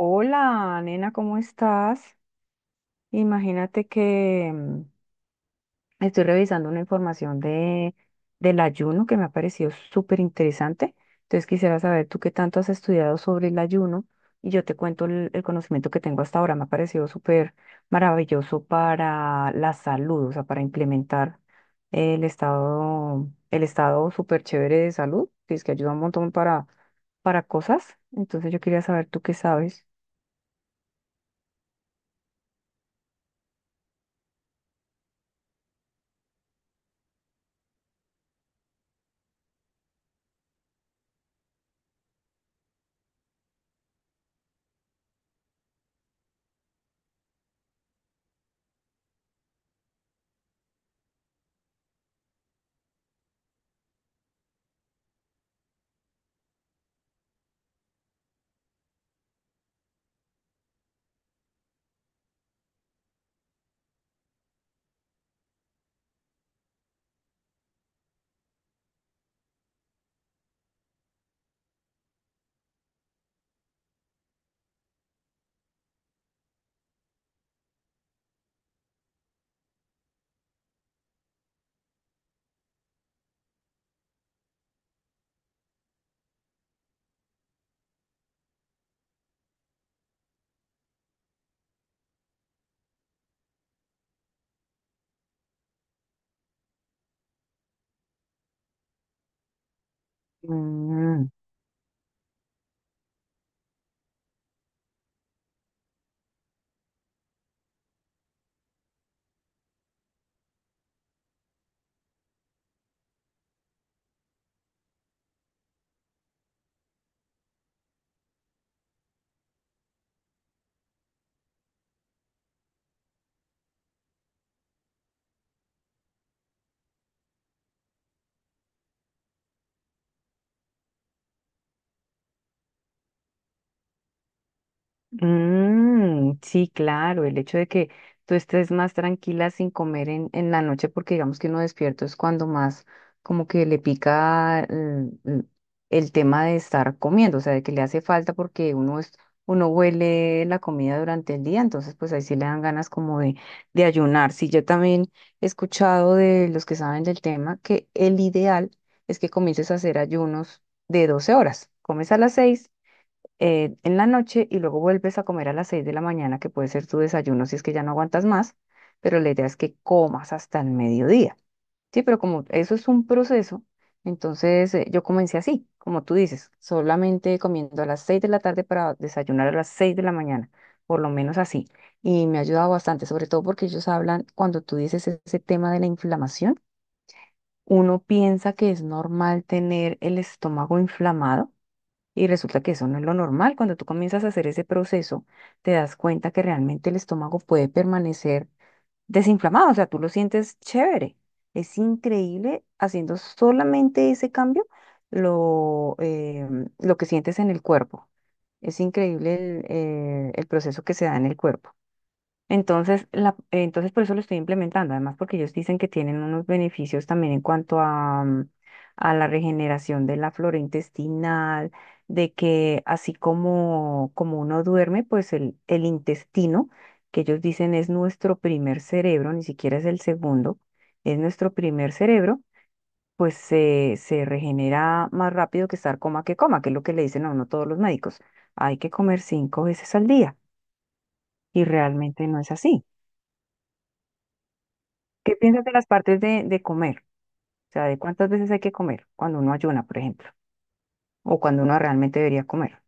Hola, nena, ¿cómo estás? Imagínate que estoy revisando una información del ayuno que me ha parecido súper interesante. Entonces quisiera saber tú qué tanto has estudiado sobre el ayuno y yo te cuento el conocimiento que tengo hasta ahora. Me ha parecido súper maravilloso para la salud, o sea, para implementar el estado súper chévere de salud, que es que ayuda un montón para cosas. Entonces yo quería saber tú qué sabes. Mm. Mm, sí, claro, el hecho de que tú estés más tranquila sin comer en la noche, porque digamos que uno despierto es cuando más como que le pica el tema de estar comiendo, o sea, de que le hace falta porque uno huele la comida durante el día, entonces pues ahí sí le dan ganas como de ayunar. Sí, yo también he escuchado de los que saben del tema que el ideal es que comiences a hacer ayunos de 12 horas. Comes a las 6 en la noche y luego vuelves a comer a las 6 de la mañana, que puede ser tu desayuno si es que ya no aguantas más, pero la idea es que comas hasta el mediodía. Sí, pero como eso es un proceso, entonces yo comencé así, como tú dices, solamente comiendo a las 6 de la tarde para desayunar a las 6 de la mañana, por lo menos así. Y me ha ayudado bastante, sobre todo porque ellos hablan, cuando tú dices ese tema de la inflamación, uno piensa que es normal tener el estómago inflamado y resulta que eso no es lo normal. Cuando tú comienzas a hacer ese proceso, te das cuenta que realmente el estómago puede permanecer desinflamado, o sea, tú lo sientes chévere. Es increíble haciendo solamente ese cambio lo, eh, lo que sientes en el cuerpo. Es increíble el proceso que se da en el cuerpo. Entonces, entonces por eso lo estoy implementando, además porque ellos dicen que tienen unos beneficios también en cuanto a la regeneración de la flora intestinal, de que así como uno duerme, pues el intestino, que ellos dicen es nuestro primer cerebro, ni siquiera es el segundo, es nuestro primer cerebro, pues se regenera más rápido que estar coma, que es lo que le dicen a uno todos los médicos. Hay que comer 5 veces al día y realmente no es así. ¿Qué piensas de las partes de comer? O sea, de cuántas veces hay que comer cuando uno ayuna, por ejemplo, o cuando uno realmente debería comer.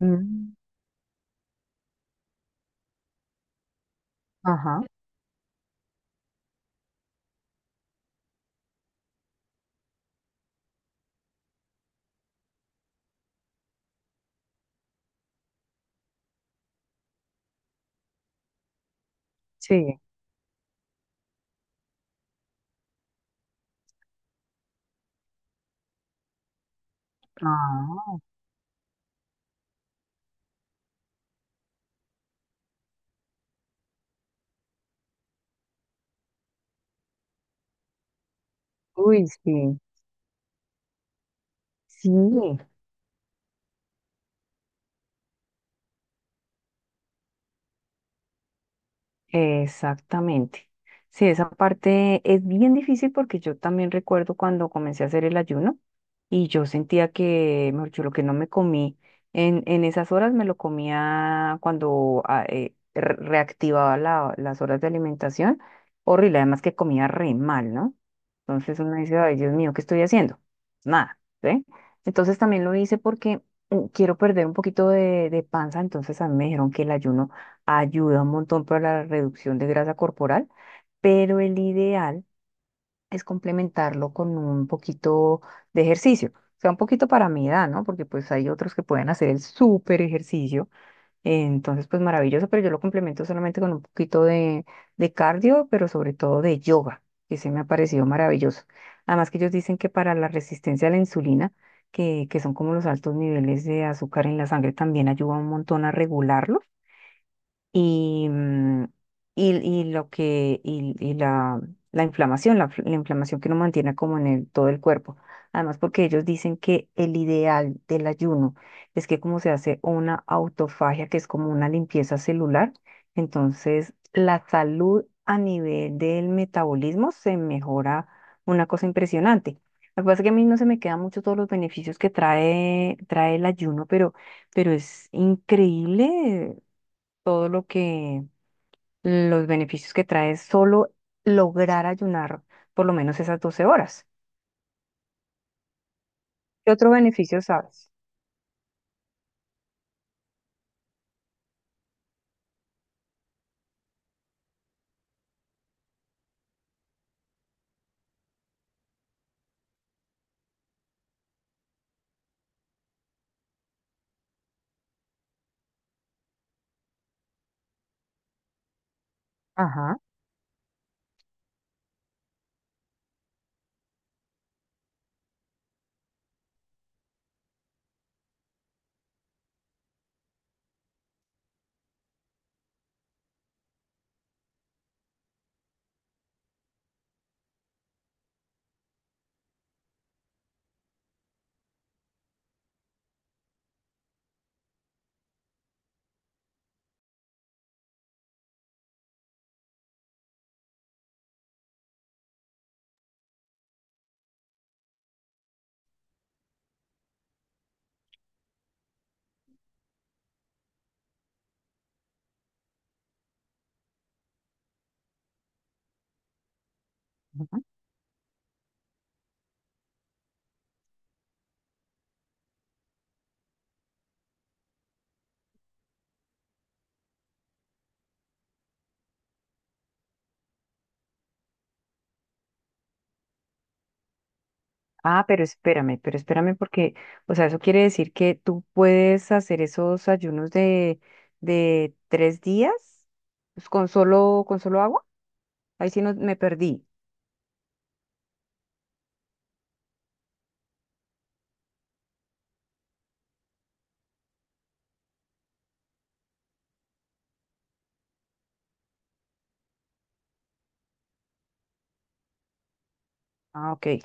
Mm, ajá, sí. Ah, uy, sí. Sí. Exactamente. Sí, esa parte es bien difícil porque yo también recuerdo cuando comencé a hacer el ayuno y yo sentía que, mejor dicho, lo que no me comí en esas horas me lo comía cuando reactivaba las horas de alimentación. Horrible, además que comía re mal, ¿no? Entonces uno dice, ay, Dios mío, ¿qué estoy haciendo? Nada, ¿sí? Entonces también lo hice porque quiero perder un poquito de panza, entonces a mí me dijeron que el ayuno ayuda un montón para la reducción de grasa corporal, pero el ideal es complementarlo con un poquito de ejercicio. O sea, un poquito para mi edad, ¿no? Porque pues hay otros que pueden hacer el súper ejercicio. Entonces, pues maravilloso, pero yo lo complemento solamente con un poquito de cardio, pero sobre todo de yoga, que se me ha parecido maravilloso. Además que ellos dicen que para la resistencia a la insulina, que son como los altos niveles de azúcar en la sangre, también ayuda un montón a regularlo y, mm, y lo que, y la inflamación, la inflamación que uno mantiene como en todo el cuerpo. Además, porque ellos dicen que el ideal del ayuno es que como se hace una autofagia, que es como una limpieza celular, entonces la salud a nivel del metabolismo se mejora una cosa impresionante. Lo que pasa es que a mí no se me quedan mucho todos los beneficios que trae el ayuno, pero es increíble todo lo que, los beneficios que trae solo lograr ayunar por lo menos esas 12 horas. ¿Qué otro beneficio sabes? Ajá. Ajá. Ah, pero espérame porque, o sea, eso quiere decir que tú puedes hacer esos ayunos de 3 días pues, con solo agua. Ahí sí no, me perdí. Ah, ok.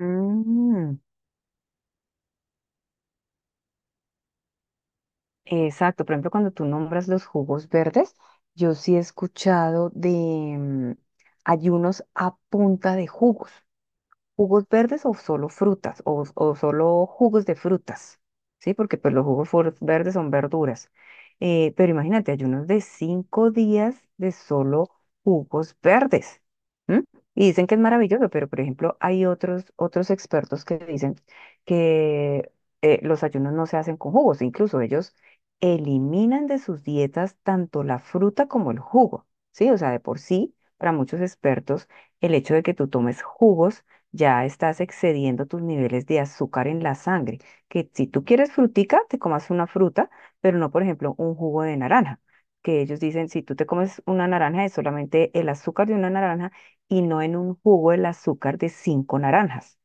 Mm. Exacto, por ejemplo, cuando tú nombras los jugos verdes, yo sí he escuchado de mm, ayunos a punta de jugos verdes o solo frutas o solo jugos de frutas, ¿sí? Porque pues los jugos verdes son verduras. Pero imagínate, ayunos de 5 días de solo jugos verdes. ¿M? Y dicen que es maravilloso, pero por ejemplo hay otros expertos que dicen que los ayunos no se hacen con jugos, incluso ellos eliminan de sus dietas tanto la fruta como el jugo, ¿sí? O sea, de por sí, para muchos expertos, el hecho de que tú tomes jugos ya estás excediendo tus niveles de azúcar en la sangre, que si tú quieres frutica, te comas una fruta, pero no, por ejemplo, un jugo de naranja, que ellos dicen, si tú te comes una naranja, es solamente el azúcar de una naranja y no en un jugo el azúcar de 5 naranjas.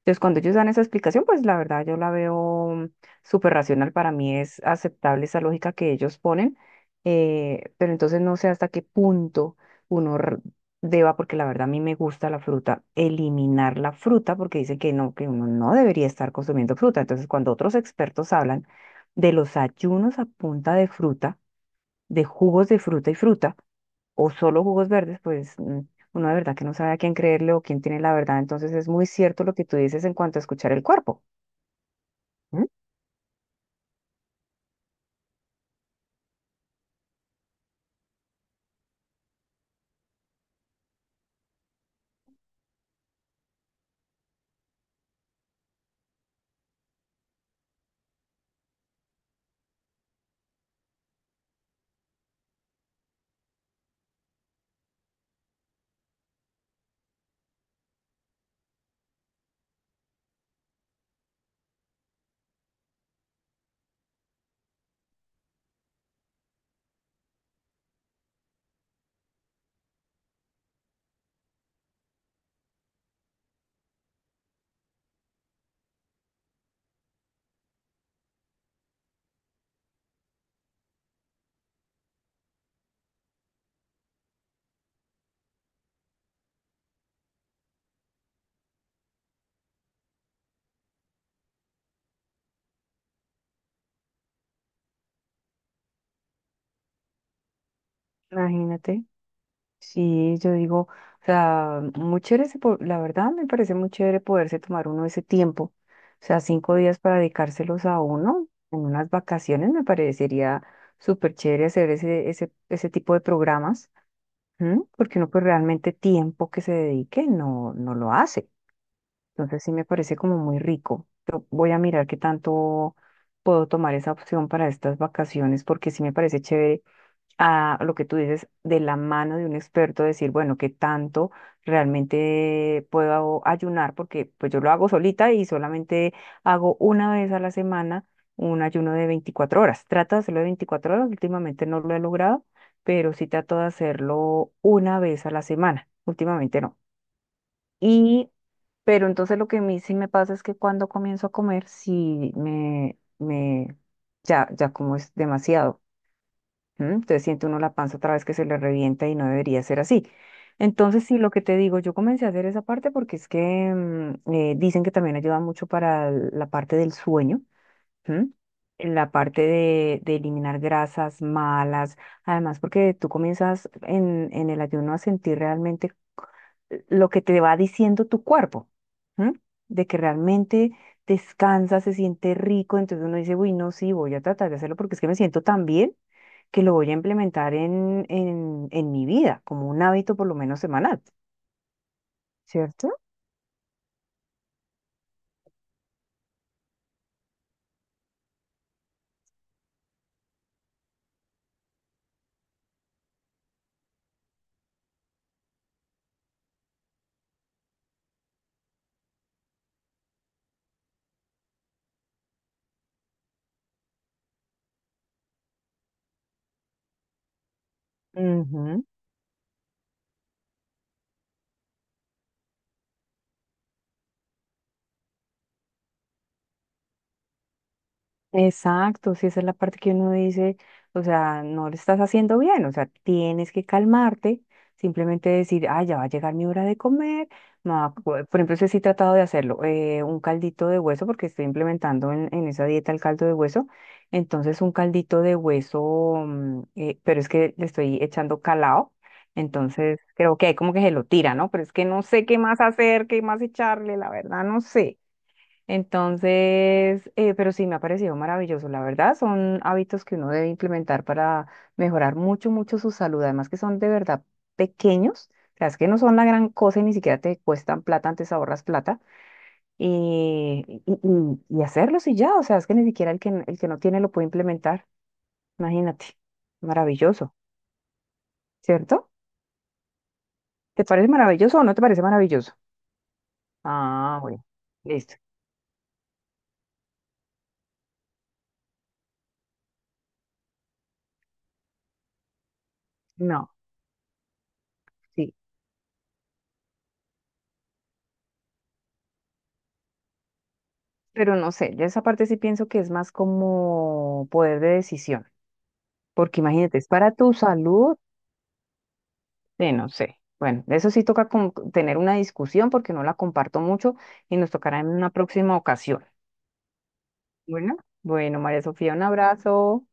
Entonces, cuando ellos dan esa explicación, pues la verdad yo la veo súper racional. Para mí es aceptable esa lógica que ellos ponen, pero entonces no sé hasta qué punto uno r- deba, porque la verdad a mí me gusta la fruta, eliminar la fruta, porque dicen que no, que uno no debería estar consumiendo fruta. Entonces, cuando otros expertos hablan de los ayunos a punta de fruta, de jugos de fruta y fruta, o solo jugos verdes, pues uno de verdad que no sabe a quién creerle o quién tiene la verdad. Entonces es muy cierto lo que tú dices en cuanto a escuchar el cuerpo. ¿Mm? Imagínate. Sí, yo digo, o sea, muy chévere, la verdad me parece muy chévere poderse tomar uno ese tiempo, o sea, 5 días para dedicárselos a uno en unas vacaciones, me parecería súper chévere hacer ese tipo de programas. ¿Mm? Porque uno pues realmente tiempo que se dedique no lo hace. Entonces sí me parece como muy rico. Yo voy a mirar qué tanto puedo tomar esa opción para estas vacaciones, porque sí me parece chévere a lo que tú dices de la mano de un experto, decir, bueno, qué tanto realmente puedo ayunar, porque pues yo lo hago solita y solamente hago una vez a la semana un ayuno de 24 horas. Trato de hacerlo de 24 horas, últimamente no lo he logrado, pero sí trato de hacerlo una vez a la semana, últimamente no. Y pero entonces lo que a mí sí me pasa es que cuando comienzo a comer, ya, ya como es demasiado. ¿M? Entonces siente uno la panza otra vez que se le revienta y no debería ser así. Entonces sí, lo que te digo, yo comencé a hacer esa parte porque es que dicen que también ayuda mucho para la parte del sueño. ¿M? En la parte de eliminar grasas malas, además porque tú comienzas en el ayuno a sentir realmente lo que te va diciendo tu cuerpo. ¿M? De que realmente descansa, se siente rico, entonces uno dice, uy, no, sí, voy a tratar de hacerlo porque es que me siento tan bien que lo voy a implementar en mi vida, como un hábito por lo menos semanal, cierto. Ujú. Exacto, si esa es la parte que uno dice, o sea, no lo estás haciendo bien, o sea, tienes que calmarte, simplemente decir, ah, ya va a llegar mi hora de comer. Me va a co- Por ejemplo, ese sí he tratado de hacerlo, un caldito de hueso, porque estoy implementando en esa dieta el caldo de hueso, entonces un caldito de hueso, pero es que le estoy echando calao, entonces creo que hay como que se lo tira, ¿no? Pero es que no sé qué más hacer, qué más echarle, la verdad, no sé. Entonces, pero sí me ha parecido maravilloso, la verdad, son hábitos que uno debe implementar para mejorar mucho, mucho su salud, además que son de verdad pequeños, o sea, es que no son la gran cosa y ni siquiera te cuestan plata, antes ahorras plata y, y, y hacerlos y ya, o sea, es que ni siquiera el que, el que no tiene lo puede implementar, imagínate, maravilloso, ¿cierto? ¿Te parece maravilloso o no te parece maravilloso? Ah, bueno, listo, no. Sí. Pero no sé, yo esa parte sí pienso que es más como poder de decisión, porque imagínate, es para tu salud, de no sé. Bueno, de eso sí toca tener una discusión porque no la comparto mucho y nos tocará en una próxima ocasión. Bueno, bueno, María Sofía, un abrazo.